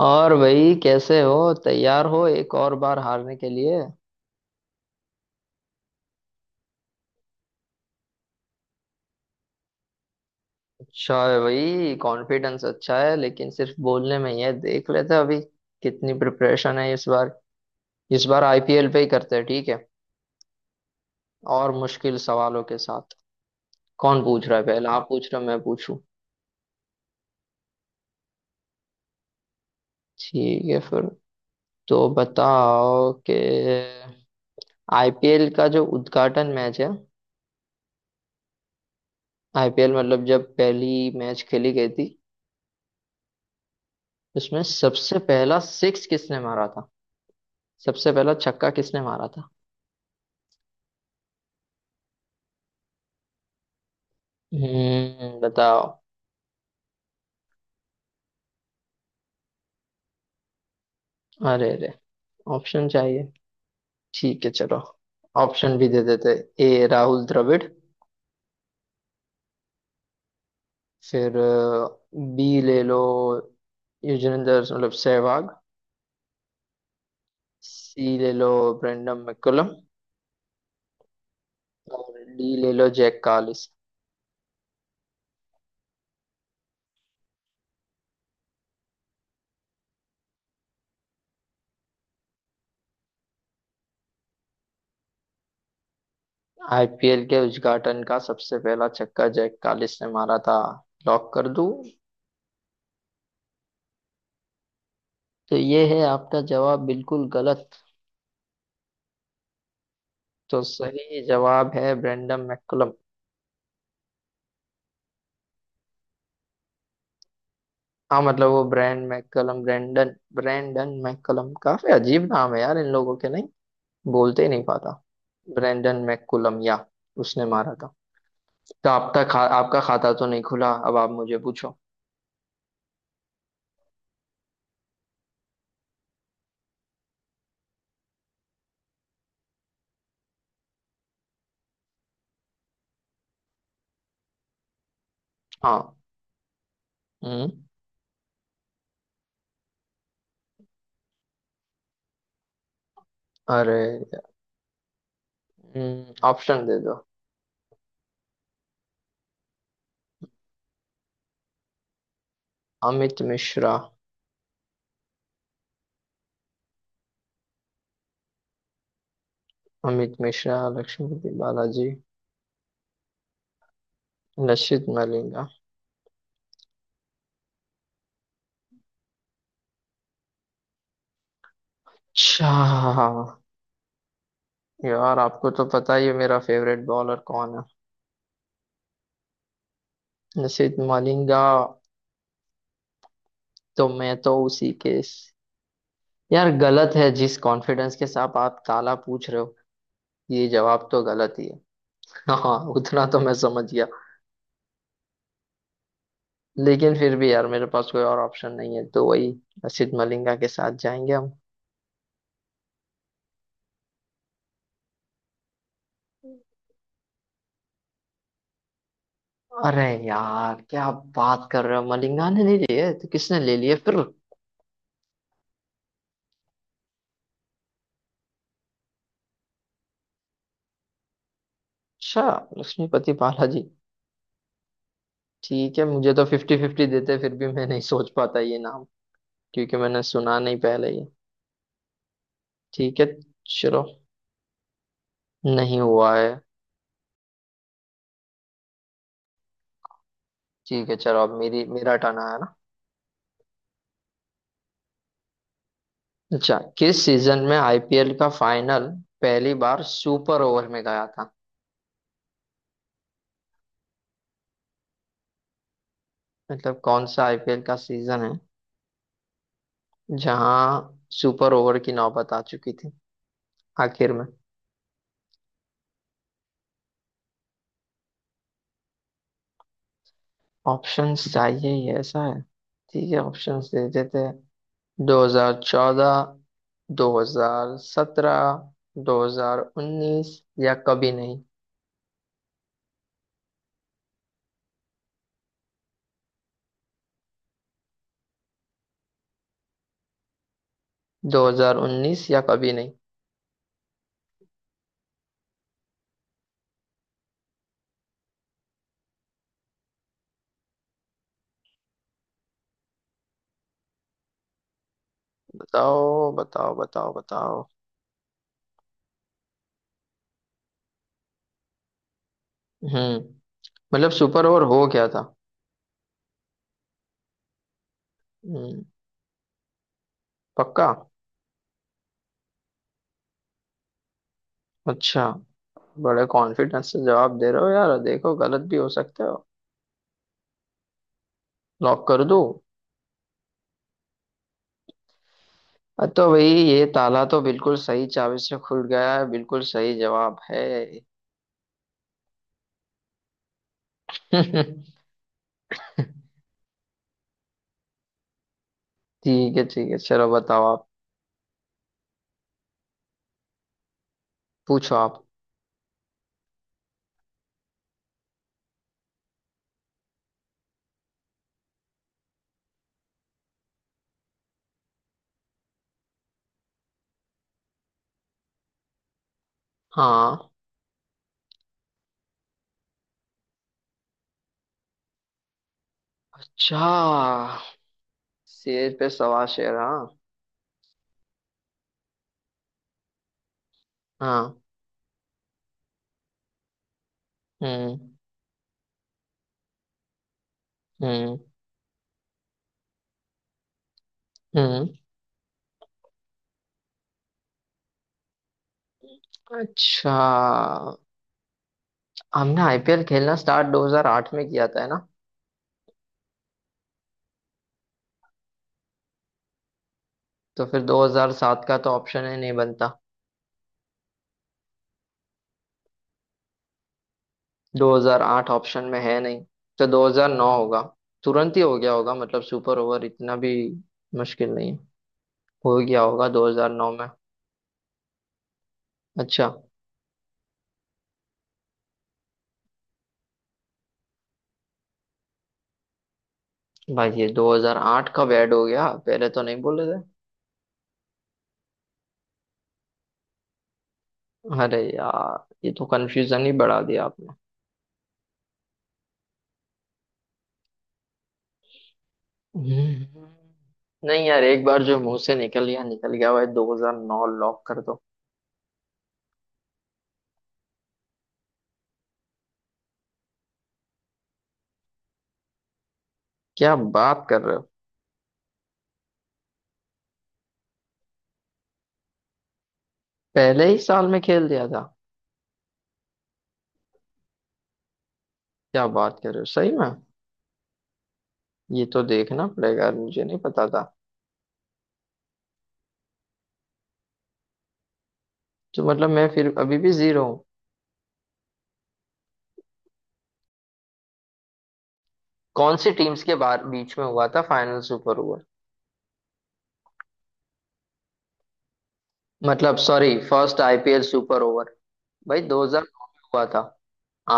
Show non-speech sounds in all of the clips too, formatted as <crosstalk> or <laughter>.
और भाई, कैसे हो? तैयार हो एक और बार हारने के लिए? अच्छा है भाई, कॉन्फिडेंस अच्छा है, लेकिन सिर्फ बोलने में ही है। देख लेते हैं अभी कितनी प्रिपरेशन है इस बार। इस बार आईपीएल पे ही करते हैं, ठीक है? और मुश्किल सवालों के साथ। कौन पूछ रहा है पहला? आप पूछ रहे हो, मैं पूछूं? ठीक है फिर। तो बताओ कि आईपीएल का जो उद्घाटन मैच है, आईपीएल मतलब जब पहली मैच खेली गई थी, उसमें सबसे पहला सिक्स किसने मारा था? सबसे पहला छक्का किसने मारा था? हम्म, बताओ। अरे अरे, ऑप्शन चाहिए? ठीक है चलो, ऑप्शन भी दे देते। ए राहुल द्रविड़। फिर बी ले लो, युजवेंद्र मतलब सहवाग। सी ले लो ब्रेंडम मैकुलम। और डी ले लो जैक कालिस। आईपीएल के उद्घाटन का सबसे पहला छक्का जैक कालिस ने मारा था, लॉक कर दूं? तो ये है आपका जवाब, बिल्कुल गलत। तो सही जवाब है ब्रेंडम मैकुलम। हाँ, मतलब वो Brendon McCullum, Brendon Brendon McCullum, काफी अजीब नाम है यार इन लोगों के, नहीं बोलते ही नहीं पाता। ब्रैंडन मैककुलम या, उसने मारा था। तो आपका खाता तो नहीं खुला, अब आप मुझे पूछो। हाँ, हम्म, अरे, ऑप्शन दे दो। अमित मिश्रा। अमित मिश्रा, लक्ष्मीपति बालाजी, लक्षित मलिंगा, अच्छा। यार, आपको तो पता ही है मेरा फेवरेट बॉलर कौन है, लक्षित मलिंगा, तो मैं तो उसी के। यार गलत है, जिस कॉन्फिडेंस के साथ आप ताला पूछ रहे हो, ये जवाब तो गलत ही है। <laughs> हाँ, उतना तो मैं समझ गया, लेकिन फिर भी यार मेरे पास कोई और ऑप्शन नहीं है, तो वही असित मलिंगा के साथ जाएंगे हम। अरे यार, क्या बात कर रहे हो? मलिंगा ने नहीं लिए तो किसने ले लिए फिर? अच्छा, लक्ष्मीपति बालाजी। ठीक है, मुझे तो फिफ्टी फिफ्टी देते फिर भी मैं नहीं सोच पाता ये नाम, क्योंकि मैंने सुना नहीं पहले ये। ठीक है चलो। नहीं हुआ है। ठीक है चलो, अब मेरी मेरा टर्न आया ना। अच्छा, किस सीजन में आईपीएल का फाइनल पहली बार सुपर ओवर में गया था? मतलब कौन सा आईपीएल का सीजन है जहां सुपर ओवर की नौबत आ चुकी थी आखिर में? ऑप्शंस चाहिए ही, ऐसा है? ठीक है, ऑप्शंस दे देते हैं। 2014, 2017, 2019, या कभी नहीं। 2019 या कभी नहीं। बताओ बताओ बताओ बताओ। हम्म, मतलब सुपर ओवर हो गया था। हम्म। पक्का? अच्छा, बड़े कॉन्फिडेंस से जवाब दे रहे हो यार, देखो गलत भी हो सकते हो। लॉक कर दूं? तो भाई ये ताला तो बिल्कुल सही चाबी से खुल गया है, बिल्कुल सही जवाब है। <laughs> ठीक है ठीक है, चलो बताओ आप, पूछो आप। हाँ। अच्छा, शेर पे सवा शेर, हाँ। हाँ, हम्म, हम्म, हम्म, अच्छा। हमने आईपीएल खेलना स्टार्ट 2008 में किया था, है ना? तो फिर 2007 का तो ऑप्शन ही नहीं बनता। 2008 ऑप्शन में है नहीं, तो 2009 होगा। तुरंत ही हो गया होगा, मतलब सुपर ओवर इतना भी मुश्किल नहीं है, हो गया होगा 2009 में। अच्छा, भाई ये 2008 कब ऐड हो गया? पहले तो नहीं बोले थे। अरे यार, ये तो कंफ्यूजन ही बढ़ा दिया आपने। हम्म। नहीं यार, एक बार जो मुंह से निकल गया निकल गया, भाई 2009 लॉक कर दो। क्या बात कर रहे हो? पहले ही साल में खेल दिया था? क्या बात कर रहे हो, सही में? ये तो देखना पड़ेगा यार, मुझे नहीं पता था। तो मतलब मैं फिर अभी भी जीरो हूँ। कौन सी टीम्स के बाहर बीच में हुआ था फाइनल सुपर ओवर, मतलब sorry first IPL super over? भाई 2009 में हुआ था,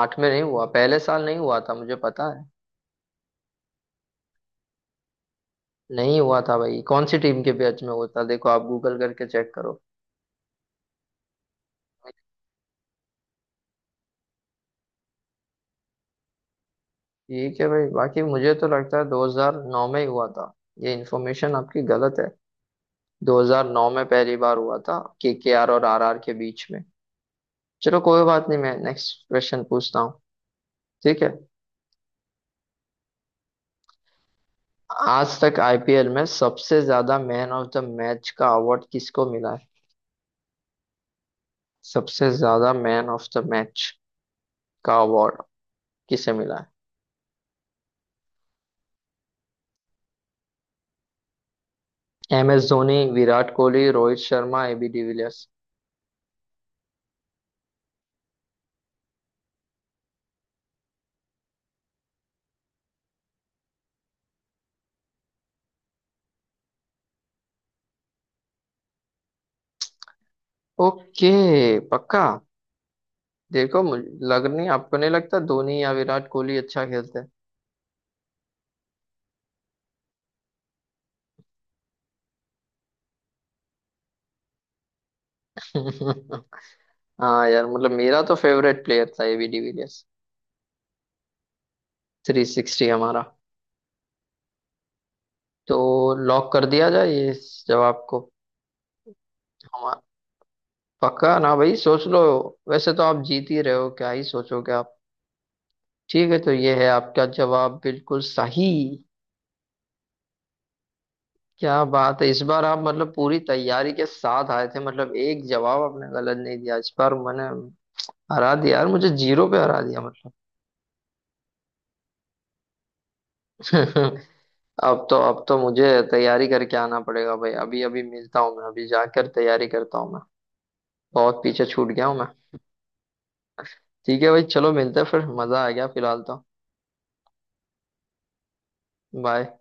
आठ में नहीं हुआ, पहले साल नहीं हुआ था, मुझे पता है। नहीं हुआ था भाई, कौन सी टीम के बीच में हुआ था, देखो आप गूगल करके चेक करो। ठीक है भाई, बाकी मुझे तो लगता है 2009 में ही हुआ था। ये इन्फॉर्मेशन आपकी गलत है। 2009 में पहली बार हुआ था, केकेआर और आरआर के बीच में। चलो कोई बात नहीं, मैं नेक्स्ट क्वेश्चन पूछता हूँ। ठीक है। आज तक आईपीएल में सबसे ज्यादा मैन ऑफ द मैच का अवार्ड किसको मिला है? सबसे ज्यादा मैन ऑफ द मैच का अवार्ड किसे मिला है? M S Dhoni, Virat Kohli, Rohit Sharma, AB de Villiers. Okay, पक्का? देखो मुझे लग नहीं, आपको नहीं लगता धोनी या विराट कोहली अच्छा खेलते हैं? <laughs> हाँ यार, मतलब मेरा तो फेवरेट प्लेयर था एबी डिविलियर्स, थ्री सिक्सटी हमारा। तो लॉक कर दिया जाए ये इस जवाब को? पक्का ना भाई, सोच लो, वैसे तो आप जीत ही रहे हो, क्या ही सोचोगे आप। ठीक है, तो ये है आपका जवाब बिल्कुल सही। क्या बात है, इस बार आप मतलब पूरी तैयारी के साथ आए थे, मतलब एक जवाब आपने गलत नहीं दिया इस बार। मैंने हरा दिया यार, मुझे जीरो पे हरा दिया, मतलब। <laughs> अब तो, अब तो मुझे तैयारी करके आना पड़ेगा भाई, अभी अभी मिलता हूँ मैं, अभी जाकर तैयारी करता हूँ मैं, बहुत पीछे छूट गया हूँ मैं। ठीक है भाई चलो, मिलते हैं फिर, मजा आ गया फिलहाल तो। बाय।